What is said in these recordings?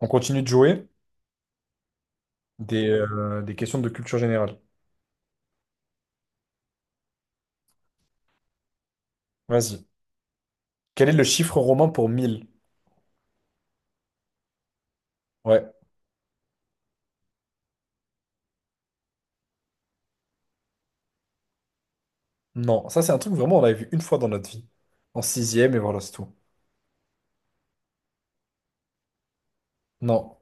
On continue de jouer des questions de culture générale. Vas-y. Quel est le chiffre romain pour mille? Ouais. Non, ça c'est un truc vraiment on l'avait vu une fois dans notre vie. En sixième et voilà, c'est tout. Non.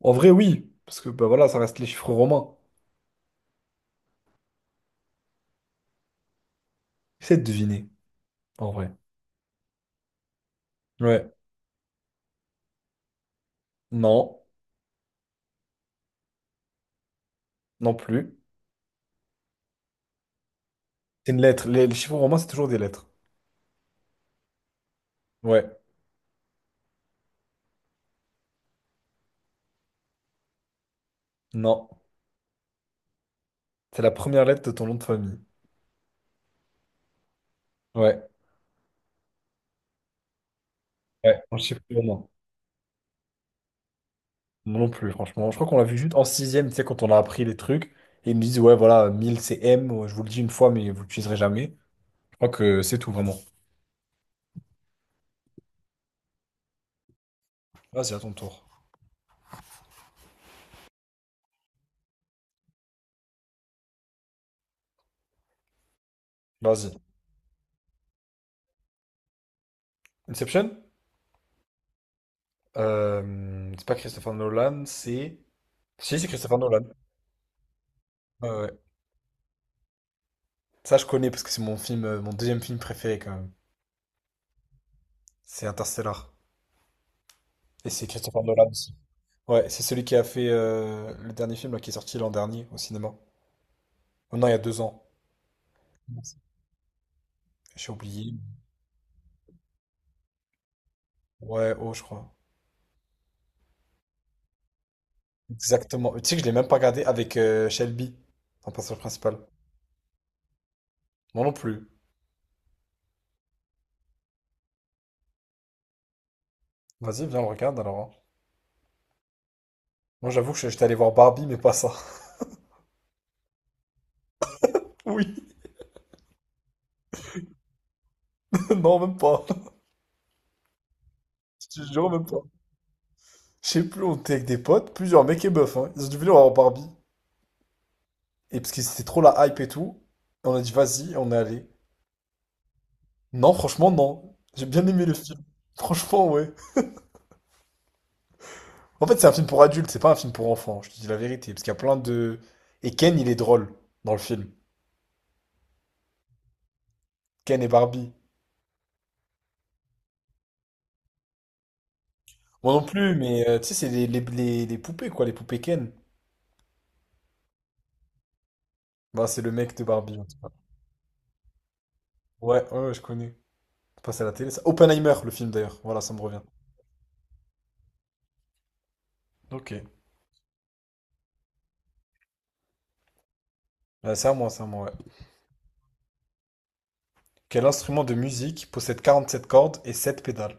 En vrai, oui. Parce que bah voilà, ça reste les chiffres romains. Essaye de deviner, en vrai. Ouais. Non. Non plus. C'est une lettre. Les chiffres romains, c'est toujours des lettres. Ouais. Non. C'est la première lettre de ton nom de famille. Ouais. Ouais. En chiffre romain. Moi non plus, franchement. Je crois qu'on l'a vu juste en sixième, tu sais, quand on a appris les trucs. Et ils me disent, ouais, voilà, 1000 c'est M, ouais, je vous le dis une fois, mais vous l'utiliserez jamais. Je crois que c'est tout, vraiment. Vas-y, à ton tour. Vas-y. Inception? C'est pas Christopher Nolan, c'est... Si, c'est Christopher Nolan. Ouais, ouais. Ça, je connais parce que c'est mon film, mon deuxième film préféré, quand même. C'est Interstellar. Et c'est Christopher Nolan aussi. Ouais, c'est celui qui a fait le dernier film là, qui est sorti l'an dernier au cinéma. Oh non, il y a deux ans. Mince. J'ai oublié. Ouais, oh, je crois. Exactement. Tu sais que je l'ai même pas regardé avec Shelby, ton personnage principal. Moi non plus. Vas-y, viens, on le regarde alors, hein. Moi j'étais allé voir Barbie, mais pas ça. Oui, non, même pas. Je te jure, même pas. Je sais plus, on était avec des potes, plusieurs mecs et meufs, hein. Ils ont dû venir voir Barbie. Et parce que c'était trop la hype et tout, on a dit, vas-y, on est allé. Non, franchement, non. J'ai bien aimé le film. Franchement, ouais. En fait, c'est un film pour adultes, c'est pas un film pour enfants, je te dis la vérité. Parce qu'il y a plein de. Et Ken, il est drôle dans le film. Ken et Barbie. Moi non plus, mais tu sais, c'est les poupées, quoi, les poupées Ken. Bah, c'est le mec de Barbie, en tout cas. Ouais, je connais. C'est passé à la télé, ça. Oppenheimer, le film d'ailleurs. Voilà, ça me revient. Ok. Ouais, c'est à moi, ouais. Quel instrument de musique possède 47 cordes et 7 pédales?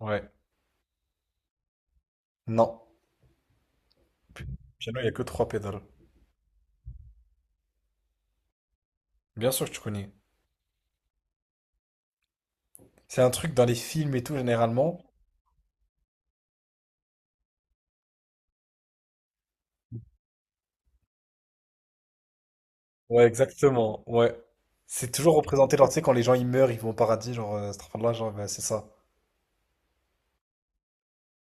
Ouais. Non. Piano, il n'y a que 3 pédales. Bien sûr que tu connais. C'est un truc dans les films et tout, généralement. Ouais, exactement. Ouais. C'est toujours représenté, genre, tu sais, quand les gens ils meurent, ils vont au paradis, genre, cette là, genre, bah, c'est ça.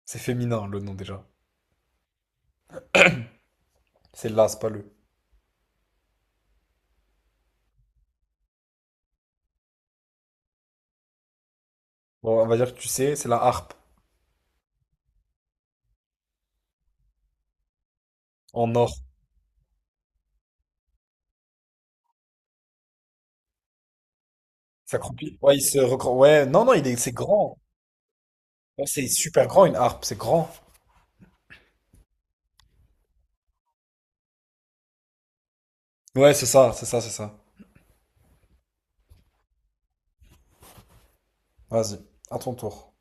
C'est féminin, le nom déjà. C'est là, c'est pas le. Bon, on va dire que tu sais, c'est la harpe en or. Ça croupit. Ouais, non, non, il est, c'est grand. Ouais, c'est super grand une harpe, c'est grand. Ouais, c'est ça. Vas-y, à ton tour.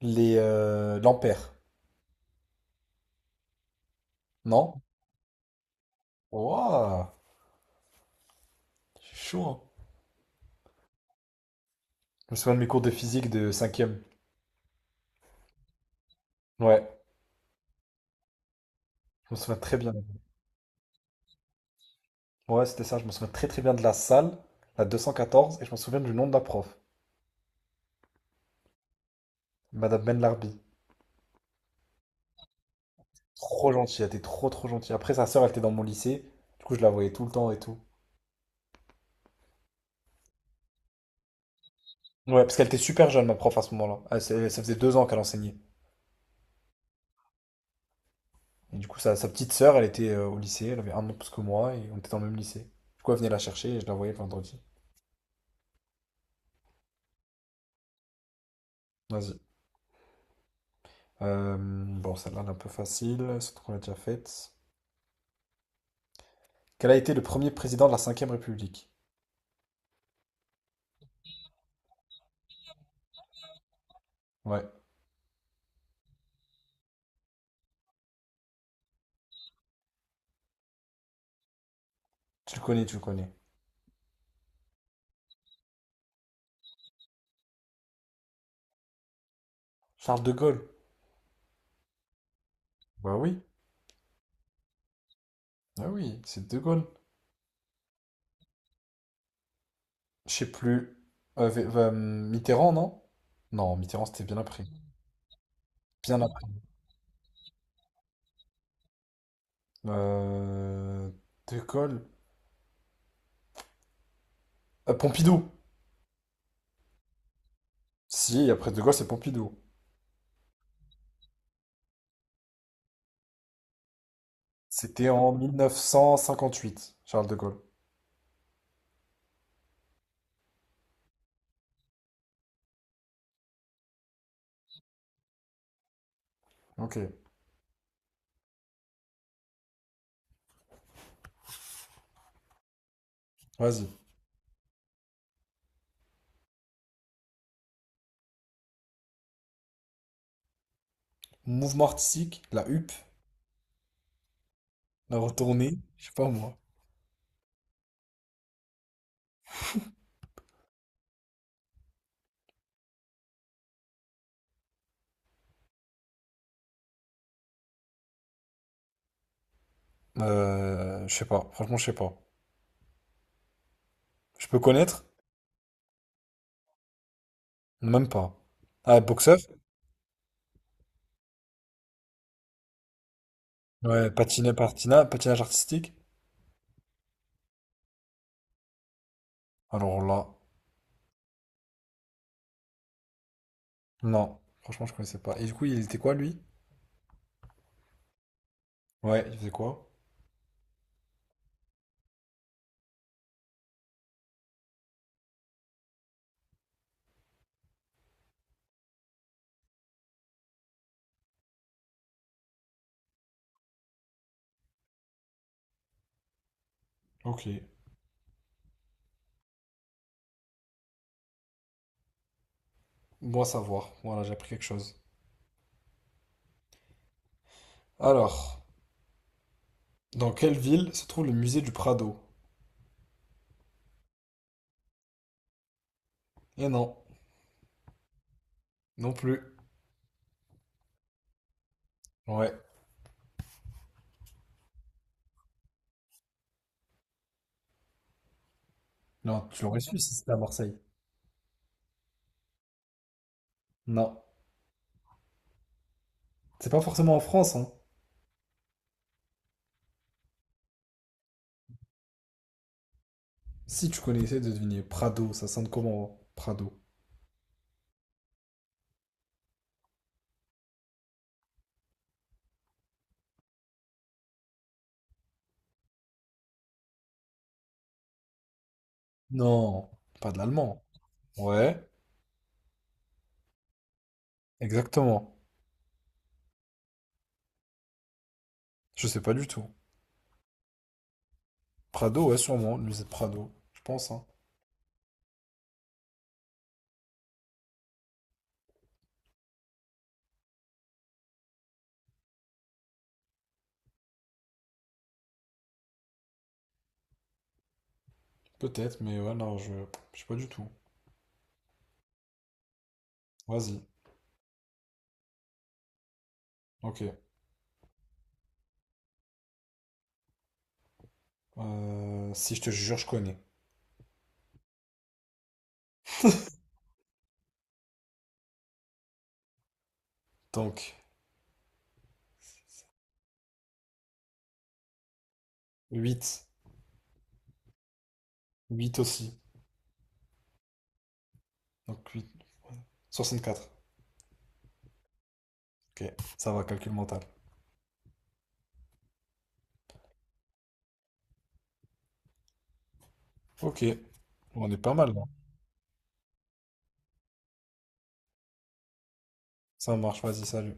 Les L'ampère. Non? Waouh, c'est chaud, hein. Je me souviens de mes cours de physique de cinquième. Ouais, je me souviens très bien. Ouais, c'était ça, je me souviens très très bien de la salle, la 214, et je me souviens du nom de la prof, Madame Ben Larbi. Trop gentille, elle était trop trop gentille. Après, sa sœur, elle était dans mon lycée. Du coup, je la voyais tout le temps et tout. Ouais, parce qu'elle était super jeune, ma prof, à ce moment-là. Ça faisait deux ans qu'elle enseignait. Et du coup, sa petite sœur, elle était au lycée, elle avait un an de plus que moi, et on était dans le même lycée. Du coup, elle venait la chercher et je la voyais le vendredi. Vas-y. Bon, celle-là, elle est un peu facile, surtout qu'on l'a déjà faite. Quel a été le premier président de la cinquième République? Ouais, tu le connais. Charles de Gaulle. Bah oui, Bah oui, c'est de Gaulle. Je sais plus. Mitterrand, non? Non, Mitterrand, c'était bien après. Bien après. Euh, de Gaulle. Pompidou. Si, après De Gaulle, c'est Pompidou. C'était en 1958, Charles de Gaulle. Ok, vas-y. Mouvement artistique, la huppe, la retournée, je sais pas moi. Je sais pas, franchement, je sais pas. Je peux connaître? Même pas. Ah, boxeur? Ouais, patiné, patina, patinage artistique? Alors là, non, franchement, je connaissais pas. Et du coup, il était quoi, lui? Ouais, il faisait quoi? Ok, bon à savoir. Voilà, j'ai appris quelque chose. Alors, dans quelle ville se trouve le musée du Prado? Eh non, non plus. Ouais. Non, tu l'aurais su si c'était à Marseille. Non. C'est pas forcément en France, hein. Si tu connaissais de deviner Prado, ça sonne comment, hein, Prado? Non, pas de l'allemand. Ouais, exactement. Je sais pas du tout. Prado, ouais, sûrement, le musée Prado. Je pense, hein. Peut-être, mais ouais, non, je sais pas du tout. Vas-y. Ok. Si je te jure, je connais. Donc, 8, 8 aussi. Donc huit. Soixante-quatre. Ok, ça va, calcul mental. Ok, on est pas mal là. Ça marche, vas-y, salut.